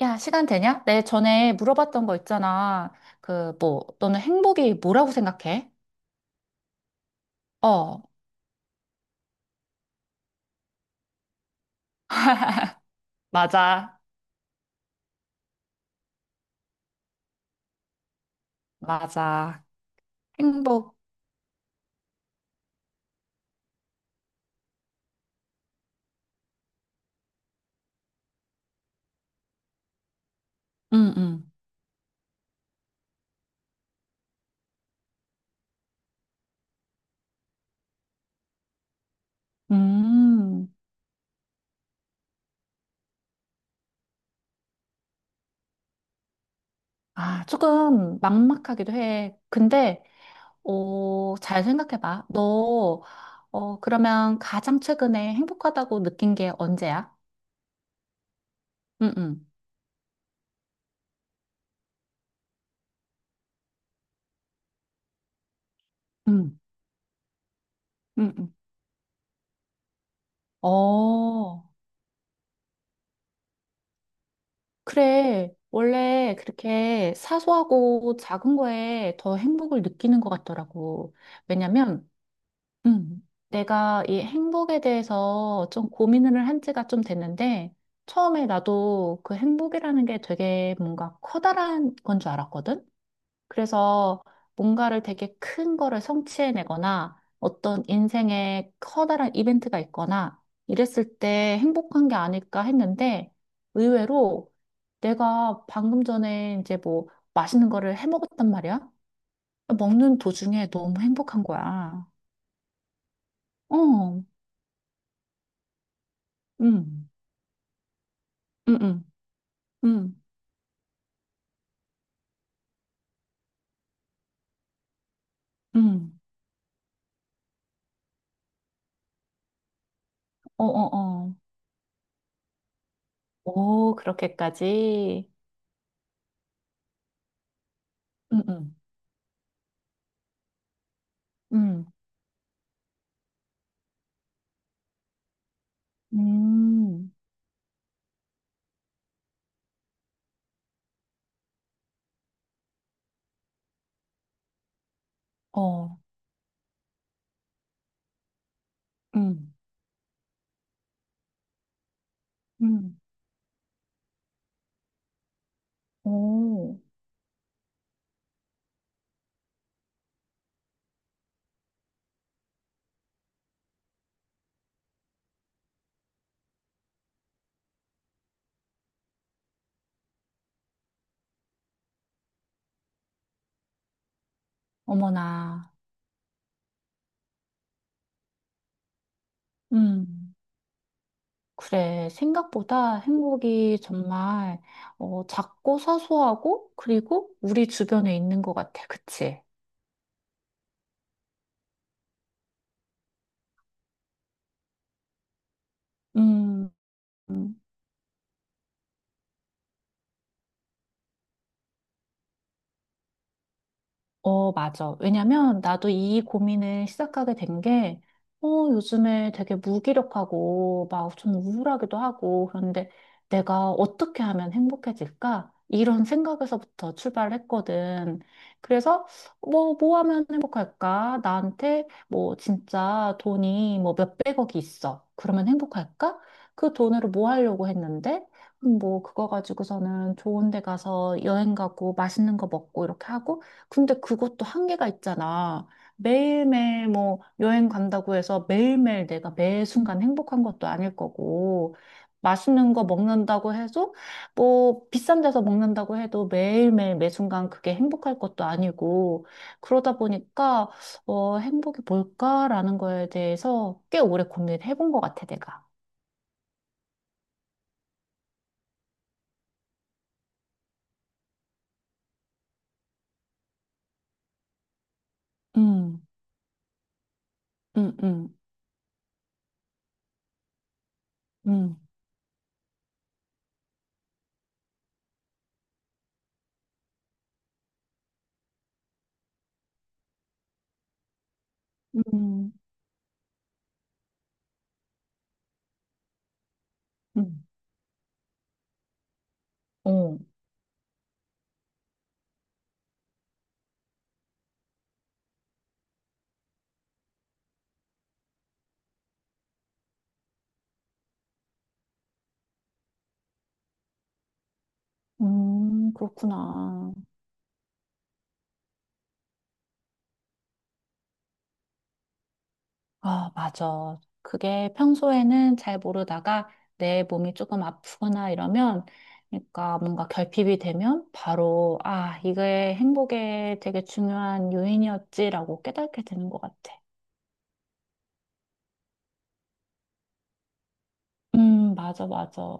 야, 시간 되냐? 내 전에 물어봤던 거 있잖아. 그, 뭐, 너는 행복이 뭐라고 생각해? 어, 맞아, 맞아. 행복. 응, 응. 음, 아, 조금 막막하기도 해. 근데, 잘 생각해봐. 너, 그러면 가장 최근에 행복하다고 느낀 게 언제야? 응, 응. 응, 응, 응. 어. 그래. 원래 그렇게 사소하고 작은 거에 더 행복을 느끼는 것 같더라고. 왜냐면, 음, 내가 이 행복에 대해서 좀 고민을 한 지가 좀 됐는데, 처음에 나도 그 행복이라는 게 되게 뭔가 커다란 건 줄 알았거든? 그래서 뭔가를 되게 큰 거를 성취해내거나 어떤 인생에 커다란 이벤트가 있거나 이랬을 때 행복한 게 아닐까 했는데 의외로 내가 방금 전에 이제 뭐 맛있는 거를 해 먹었단 말이야. 먹는 도중에 너무 행복한 거야. 어, 음, 음, 음, 음, 어, 어, 어. 오, 그렇게까지. 음, 음, 음, 음, 어, 음. 음. 오, 어머나. 음, 그래. 생각보다 행복이 정말 작고 사소하고 그리고 우리 주변에 있는 것 같아. 그치? 음, 어, 맞아. 왜냐면 나도 이 고민을 시작하게 된 게, 요즘에 되게 무기력하고 막 좀 우울하기도 하고, 그런데 내가 어떻게 하면 행복해질까? 이런 생각에서부터 출발했거든. 그래서 뭐 하면 행복할까? 나한테 뭐 진짜 돈이 뭐 몇백억이 있어. 그러면 행복할까? 그 돈으로 뭐 하려고 했는데, 뭐 그거 가지고서는 좋은 데 가서 여행 가고 맛있는 거 먹고 이렇게 하고, 근데 그것도 한계가 있잖아. 매일매일 뭐 여행 간다고 해서 매일매일 내가 매 순간 행복한 것도 아닐 거고, 맛있는 거 먹는다고 해도 뭐 비싼 데서 먹는다고 해도 매일매일 매 순간 그게 행복할 것도 아니고, 그러다 보니까, 행복이 뭘까라는 거에 대해서 꽤 오래 고민을 해본 것 같아, 내가. 음, 음, 음, 음, 음, 음, 어, 그렇구나. 아, 맞아. 그게 평소에는 잘 모르다가 내 몸이 조금 아프거나 이러면, 그러니까 뭔가 결핍이 되면 바로, 아, 이게 행복에 되게 중요한 요인이었지라고 깨닫게 되는 것 같아. 맞아, 맞아.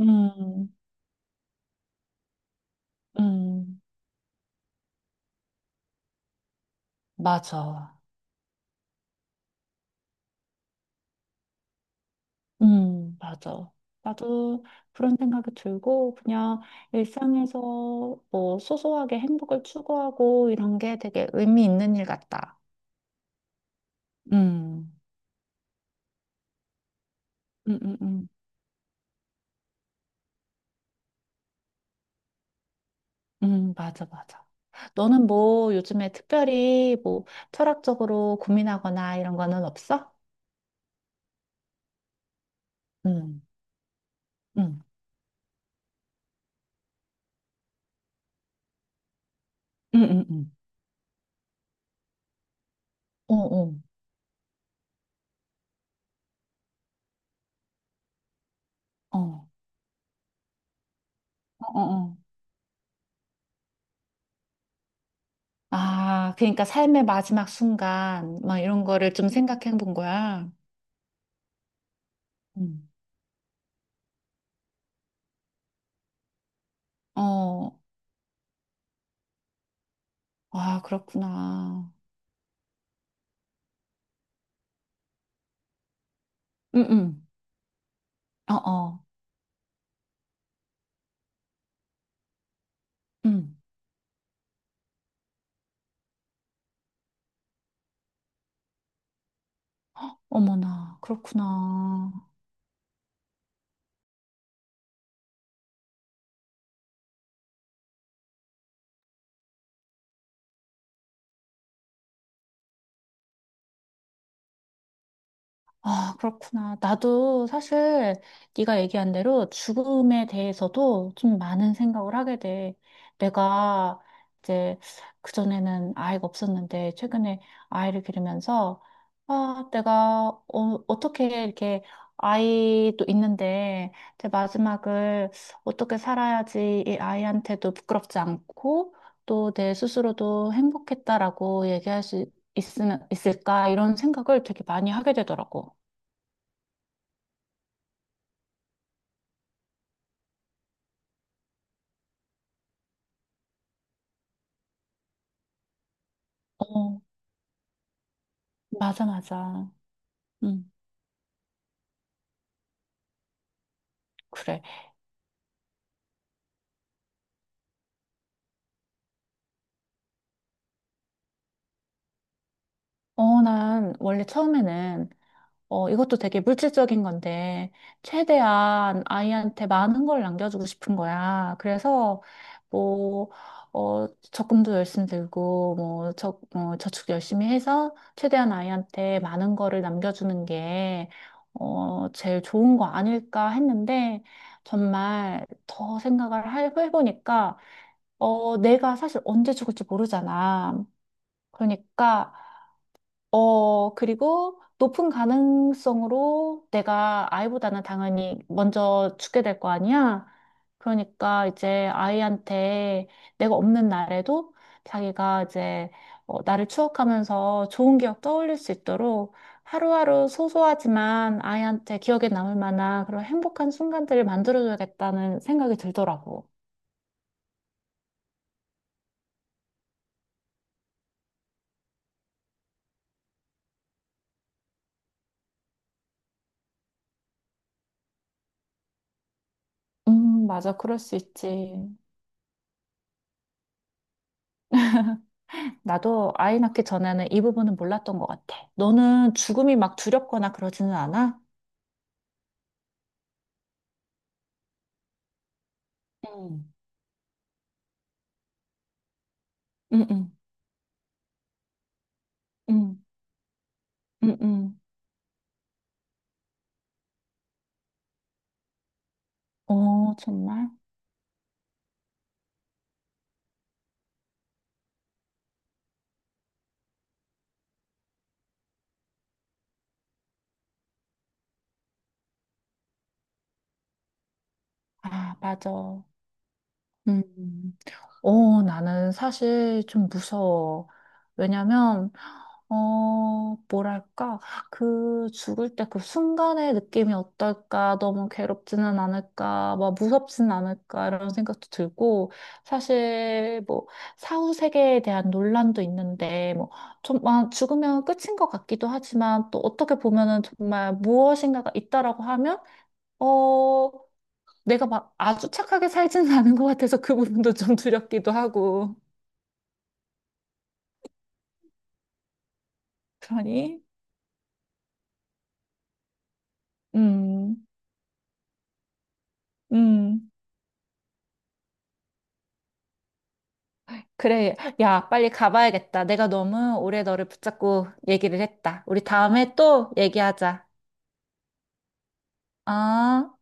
음, 음, 맞아. 맞아. 나도 그런 생각이 들고, 그냥 일상에서 뭐 소소하게 행복을 추구하고 이런 게 되게 의미 있는 일 같다. 음. 음, 음, 음. 맞아, 맞아. 너는 뭐 요즘에 특별히 뭐 철학적으로 고민하거나 이런 거는 없어? 음, 음, 음, 음, 음. 어, 어, 어, 어, 어. 어. 아, 그러니까 삶의 마지막 순간, 막 이런 거를 좀 생각해 본 거야. 음. 어, 아, 그렇구나. 응응 어, 어. 응 어머나, 그렇구나. 아, 그렇구나. 나도 사실 네가 얘기한 대로 죽음에 대해서도 좀 많은 생각을 하게 돼. 내가 이제 그전에는 아이가 없었는데 최근에 아이를 기르면서 아, 내가 어떻게 이렇게 아이도 있는데 제 마지막을 어떻게 살아야지 이 아이한테도 부끄럽지 않고 또 내 스스로도 행복했다라고 얘기할 수 있으면 있을까 이런 생각을 되게 많이 하게 되더라고. 어, 맞아, 맞아. 음 그래. 난 원래 처음에는, 이것도 되게 물질적인 건데, 최대한 아이한테 많은 걸 남겨주고 싶은 거야. 그래서, 뭐, 어, 적금도 열심히 들고, 뭐, 저축 열심히 해서, 최대한 아이한테 많은 거를 남겨주는 게, 제일 좋은 거 아닐까 했는데, 정말 더 생각을 해보니까, 내가 사실 언제 죽을지 모르잖아. 그러니까, 그리고 높은 가능성으로 내가 아이보다는 당연히 먼저 죽게 될 거 아니야? 그러니까 이제 아이한테 내가 없는 날에도 자기가 이제 나를 추억하면서 좋은 기억 떠올릴 수 있도록 하루하루 소소하지만 아이한테 기억에 남을 만한 그런 행복한 순간들을 만들어줘야겠다는 생각이 들더라고. 맞아. 그럴 수 있지. 나도 아이 낳기 전에는 이 부분은 몰랐던 것 같아. 너는 죽음이 막 두렵거나 그러지는 않아? 응. 응, 응, 응, 응, 응. 어, 정말? 아, 맞아. 음, 나는 사실 좀 무서워. 왜냐면, 뭐랄까, 그 죽을 때 그 순간의 느낌이 어떨까, 너무 괴롭지는 않을까, 막 무섭진 않을까, 이런 생각도 들고, 사실 뭐, 사후 세계에 대한 논란도 있는데, 뭐, 좀, 아, 죽으면 끝인 것 같기도 하지만, 또 어떻게 보면은 정말 무엇인가가 있다라고 하면, 어, 내가 막 아주 착하게 살지는 않은 것 같아서 그 부분도 좀 두렵기도 하고. 그러니, 음, 음. 그래. 야, 빨리 가봐야겠다. 내가 너무 오래 너를 붙잡고 얘기를 했다. 우리 다음에 또 얘기하자. 아.